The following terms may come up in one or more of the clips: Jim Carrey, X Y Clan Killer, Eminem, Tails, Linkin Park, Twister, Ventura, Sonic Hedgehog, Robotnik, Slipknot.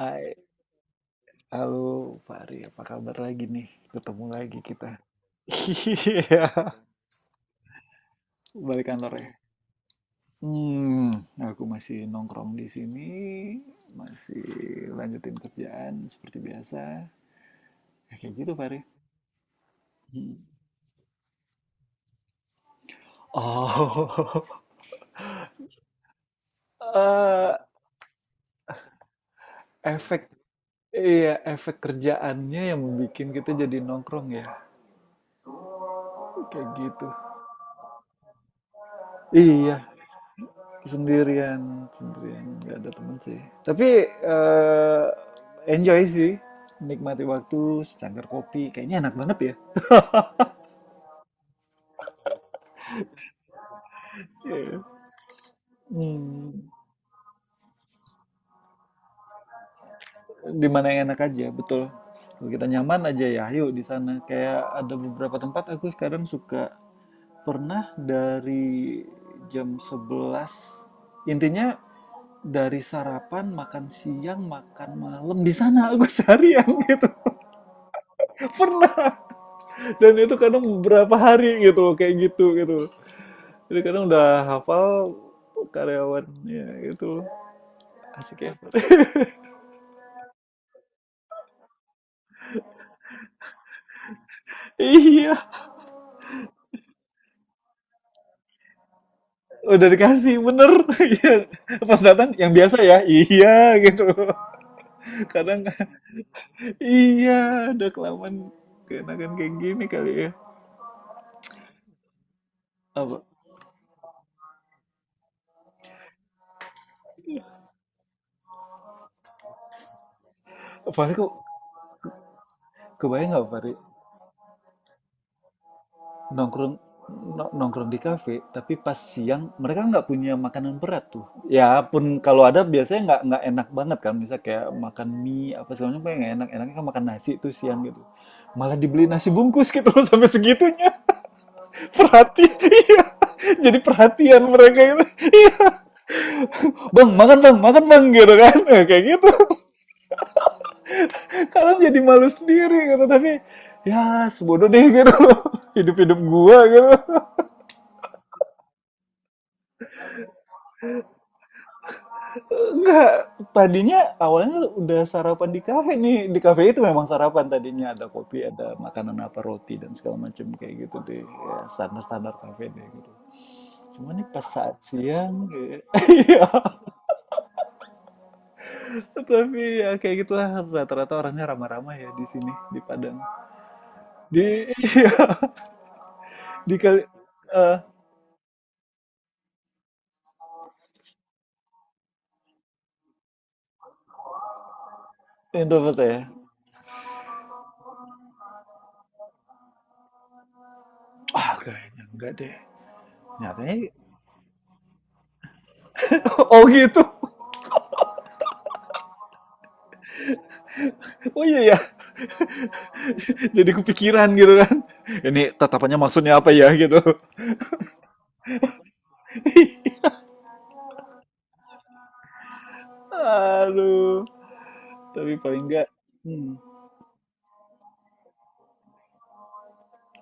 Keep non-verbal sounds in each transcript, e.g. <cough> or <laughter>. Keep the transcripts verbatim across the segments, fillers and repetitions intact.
Hai, halo Pak, apa kabar lagi nih? Ketemu lagi kita. <laughs> Iya, balik kantor ya. Hmm, aku masih nongkrong di sini, masih lanjutin kerjaan seperti biasa. Ya, kayak gitu, Pak. Hmm. Oh, <laughs> eh, efek, iya, efek kerjaannya yang bikin kita jadi nongkrong ya. Kayak gitu. Iya, sendirian sendirian nggak ada teman sih, tapi eh, enjoy sih, nikmati waktu secangkir kopi kayaknya enak banget ya. Iya. hmm, di yang enak aja, betul. Kalau kita nyaman aja ya ayo di sana, kayak ada beberapa tempat aku sekarang suka. Pernah dari jam sebelas. Intinya dari sarapan, makan siang, makan malam di sana aku <laughs> seharian gitu, pernah. Dan itu kadang berapa hari gitu loh, kayak gitu gitu, jadi kadang udah hafal karyawannya gitu. Asik ya. <laughs> Iya, udah dikasih, bener. <laughs> Iya. Pas datang yang biasa ya, iya gitu. Kadang iya, udah kelamaan, keenakan kayak gini kali ya. Apa Fahri, kok kebayang nggak Fahri nongkrong? No- nongkrong di kafe tapi pas siang mereka nggak punya makanan berat tuh ya, pun kalau ada biasanya nggak, nggak enak banget kan, misal kayak makan mie apa segala macam, kayak nggak enak. Enaknya kan makan nasi tuh siang gitu, malah dibeli nasi bungkus gitu loh. <laughs> Sampai segitunya perhati, iya, jadi perhatian mereka itu, iya. Bang makan, bang makan, bang, gitu kan. Nah, kayak gitu kalian jadi malu sendiri gitu, tapi ya sebodoh deh gitu loh, hidup hidup gua gitu. Enggak, tadinya awalnya udah sarapan di kafe nih. Di kafe itu memang sarapan, tadinya ada kopi, ada makanan apa, roti dan segala macam kayak gitu deh. Ya, standar-standar kafe deh gitu. Cuman nih pas saat siang kayak- <laughs> Iya, tapi ya kayak gitulah, rata-rata orangnya ramah-ramah ya di sini di Padang. Di <laughs> di kali eh introvert ya. Ah, kayaknya enggak deh. Nyatanya <laughs> oh gitu. Oh iya ya. <laughs> Jadi kepikiran gitu kan. Ini tatapannya maksudnya apa ya gitu. Aduh, tapi paling enggak. Hmm.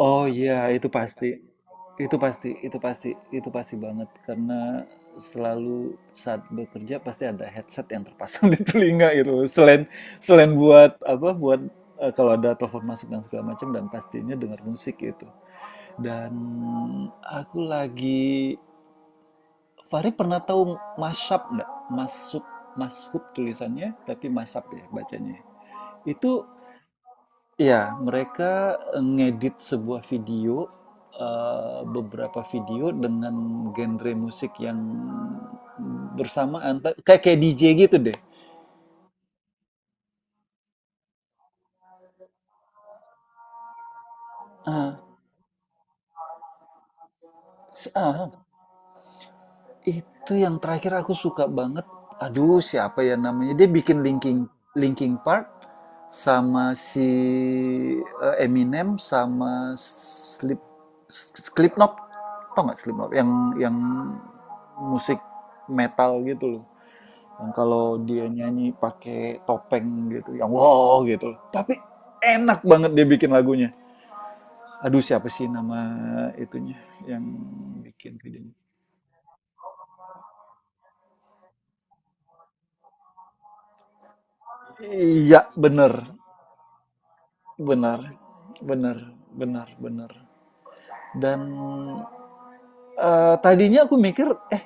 Oh iya, itu pasti. Itu pasti, itu pasti, itu pasti banget karena selalu saat bekerja pasti ada headset yang terpasang <laughs> di telinga gitu. Selain Selain buat apa? Buat eh, kalau ada telepon masuk dan segala macam, dan pastinya dengar musik gitu. Dan aku lagi, Fahri pernah tahu mashup nggak? Mashup, mashup tulisannya tapi mashup ya bacanya. Itu, iya, mereka eh, ngedit sebuah video, eee, beberapa video dengan genre musik yang bersamaan, ta kayak kayak D J gitu deh. ah se heeh, itu yang terakhir aku suka banget. Aduh, siapa ya namanya, dia bikin linking, linking part sama si, eee, Eminem sama Slip Slipknot. Tau nggak Slipknot? Yang yang musik metal gitu loh. Yang kalau dia nyanyi pakai topeng gitu, yang wow gitu, tapi enak banget dia bikin lagunya. Aduh, siapa sih nama itunya yang bikin videonya. Iya bener, benar, benar, benar, benar. Dan Eh, tadinya aku mikir, eh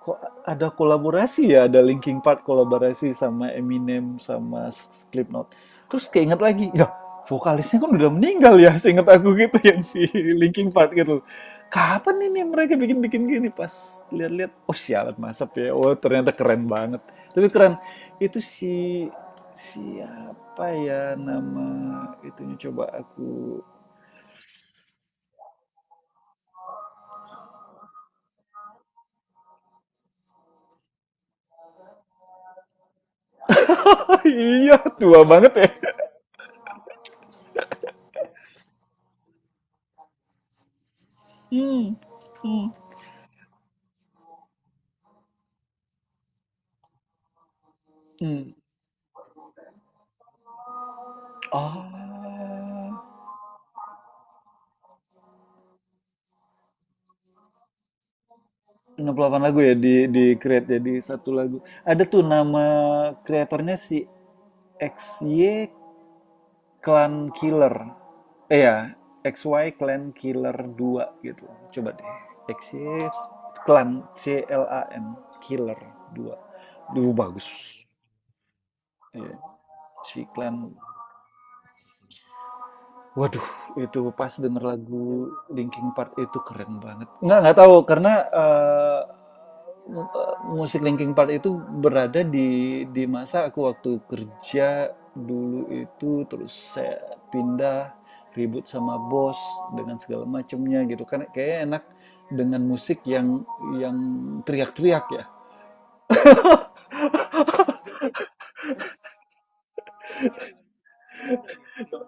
kok ada kolaborasi ya, ada Linkin Park kolaborasi sama Eminem sama Slipknot. Terus keinget lagi, ya vokalisnya kan udah meninggal ya, seinget aku gitu, <laughs> yang si Linkin Park gitu. Kapan ini mereka bikin-bikin gini, pas lihat-lihat, oh sialan masap ya, oh ternyata keren banget. Tapi keren, itu si siapa ya nama itunya, coba aku. <laughs> Oh iya, tua banget ya. Hmm. Hmm. Hmm. Oh, enam puluh delapan lagu ya di di create jadi satu lagu. Ada tuh nama kreatornya, si X Y Clan Killer. Eh ya, X Y Clan Killer dua gitu. Coba deh. X Y Clan, C L A N, Killer dua. Duh, bagus. Iya, si Clan. Waduh, itu pas denger lagu Linkin Park itu keren banget. Nggak, nggak tahu karena eh, eh, musik Linkin Park itu berada di di masa aku waktu kerja dulu itu. Terus saya pindah, ribut sama bos dengan segala macamnya gitu kan, kayak enak dengan musik yang yang teriak-teriak ya.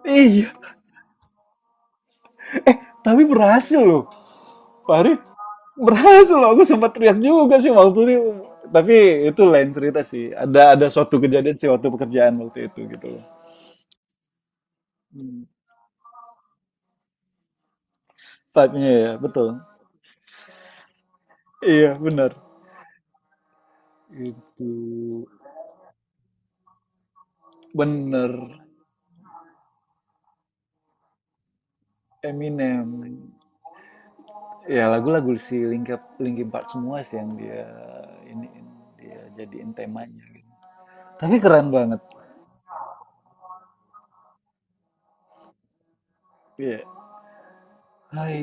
Iya, tapi berhasil loh. Fahri, berhasil loh, aku sempat teriak juga sih waktu itu. Tapi itu lain cerita sih, ada ada suatu kejadian sih waktu pekerjaan waktu itu gitu. Hmm. Vibe-nya ya betul. Iya, benar. Itu benar. Eminem ya, lagu-lagu si Linkin, Linkin Park semua sih, yang dia ini dia jadiin temanya gitu. Tapi keren banget. Iya. Hai.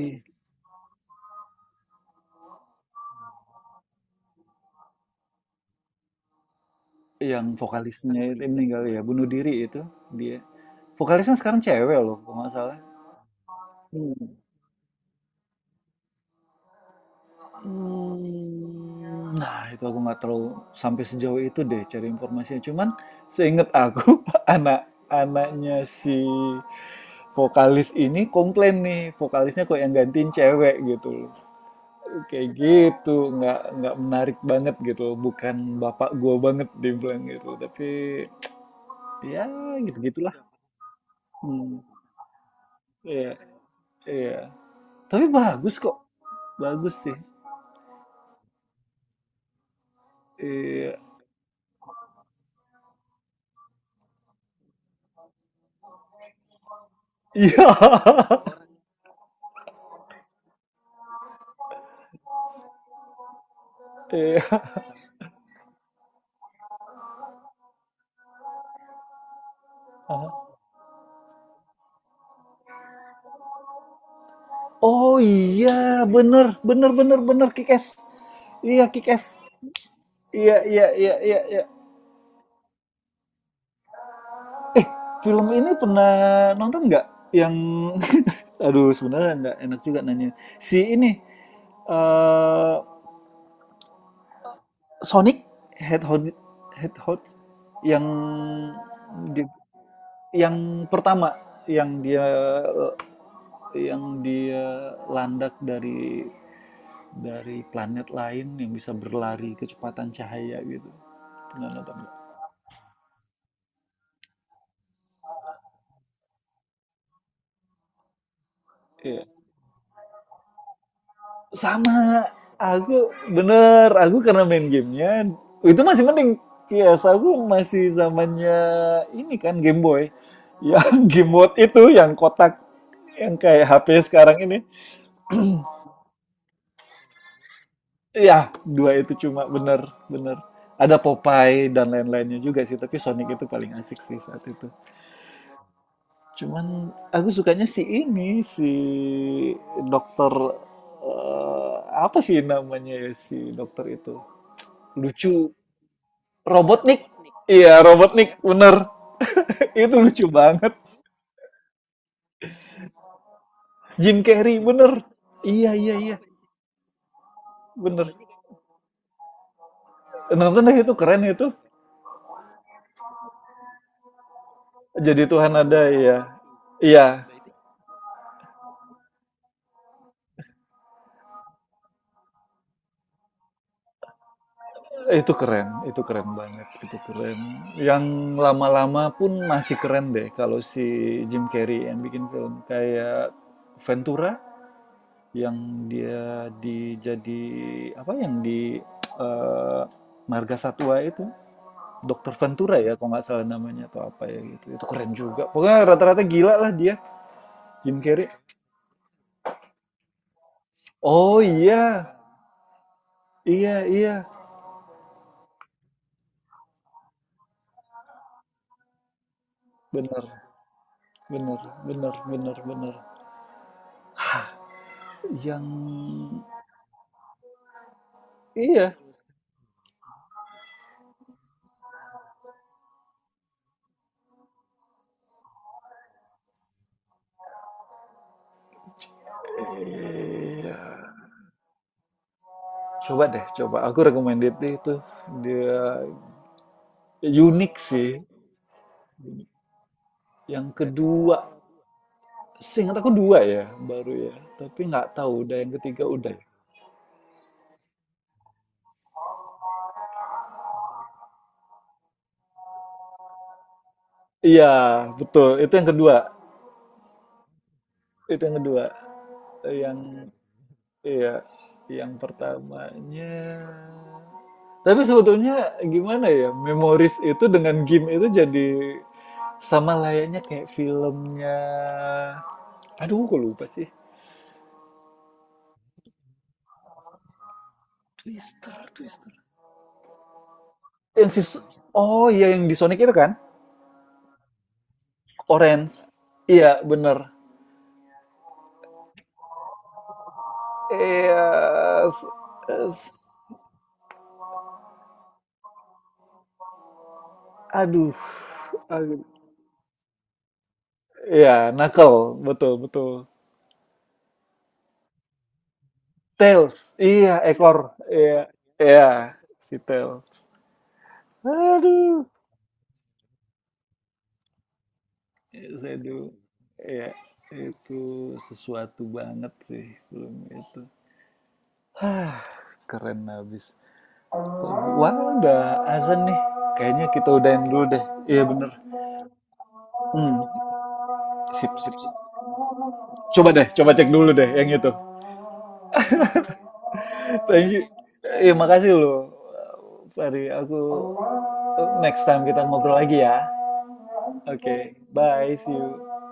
Yang vokalisnya, aduh, itu meninggal ya, bunuh diri itu dia. Vokalisnya sekarang cewek loh, kalau nggak salah. Hmm. Hmm, nah itu aku nggak terlalu sampai sejauh itu deh cari informasinya. Cuman seingat aku, <laughs> anak-anaknya si vokalis ini komplain nih, vokalisnya kok yang gantiin cewek gitu loh. Kayak gitu nggak, nggak menarik banget gitu loh. Bukan bapak gua banget, dia bilang gitu. Tapi ya gitu gitulah. Hmm, iya, iya. Tapi bagus kok. Bagus sih. Iya. <laughs> Iya. Iya. Oh iya, bener, bener, bener, bener, Kikes. Iya, Kikes. Iya, iya, iya, iya, iya. Eh, film ini pernah nonton nggak? Yang, <laughs> aduh, sebenarnya nggak enak juga nanya. Si ini, eh Sonic Hedgehog, Hedgehog, yang di- yang pertama, yang dia, yang dia landak dari dari planet lain yang bisa berlari kecepatan cahaya gitu. Pernah nonton nggak? Iya. Sama. Aku bener. Aku karena main gamenya itu masih mending. P S aku masih zamannya ini kan Game Boy. <laughs> Yang game mode itu yang kotak, yang kayak H P sekarang ini. Ya, dua itu cuma, bener bener. Ada Popeye dan lain-lainnya juga sih, tapi Sonic itu paling asik sih saat itu. Cuman aku sukanya si ini, si dokter, eh, apa sih namanya ya si dokter itu? Lucu. Robotnik. Iya, Robotnik, bener. <laughs> Itu lucu banget. Jim Carrey, bener. Iya, iya, iya, bener. Nonton deh, itu keren itu. Jadi Tuhan ada ya. Iya, itu keren, itu keren banget, itu keren. Yang lama-lama pun masih keren deh kalau si Jim Carrey yang bikin film kayak Ventura, yang dia dijadi apa, yang di eh, Marga Satwa itu. Dokter Ventura ya kalau nggak salah namanya, atau apa ya gitu. Itu keren juga, pokoknya rata-rata gila lah dia. Jim Carrey, oh iya, iya, iya, bener, bener, bener, bener, bener. Yang, iya, iya, coba deh, coba aku recommended itu. Dia unik sih. Yang kedua. Seingat aku dua ya, baru ya. Tapi nggak tahu udah yang ketiga udah ya. Iya, betul. Itu yang kedua. Itu yang kedua. Eh, Yang, iya, yang pertamanya. Tapi sebetulnya gimana ya? Memories itu dengan game itu jadi sama layaknya kayak filmnya. Aduh, kok lupa sih. Twister, Twister. Yang si- oh iya, yang di Sonic itu kan? Orange. Iya, bener. Iya, s- s- aduh, aduh. Iya, knuckle, betul, betul. Tails, iya, ekor, iya, iya, si Tails. Aduh, yes, aduh, iya, itu sesuatu banget sih film itu. Hah, keren abis. Wah, udah azan nih. Kayaknya kita udahin dulu deh. Iya bener. Hmm, sip, sip, sip. Coba deh, coba cek dulu deh yang itu. Thank you. Iya, makasih loh. Fahri, aku next time kita ngobrol lagi ya. Oke, bye, see you.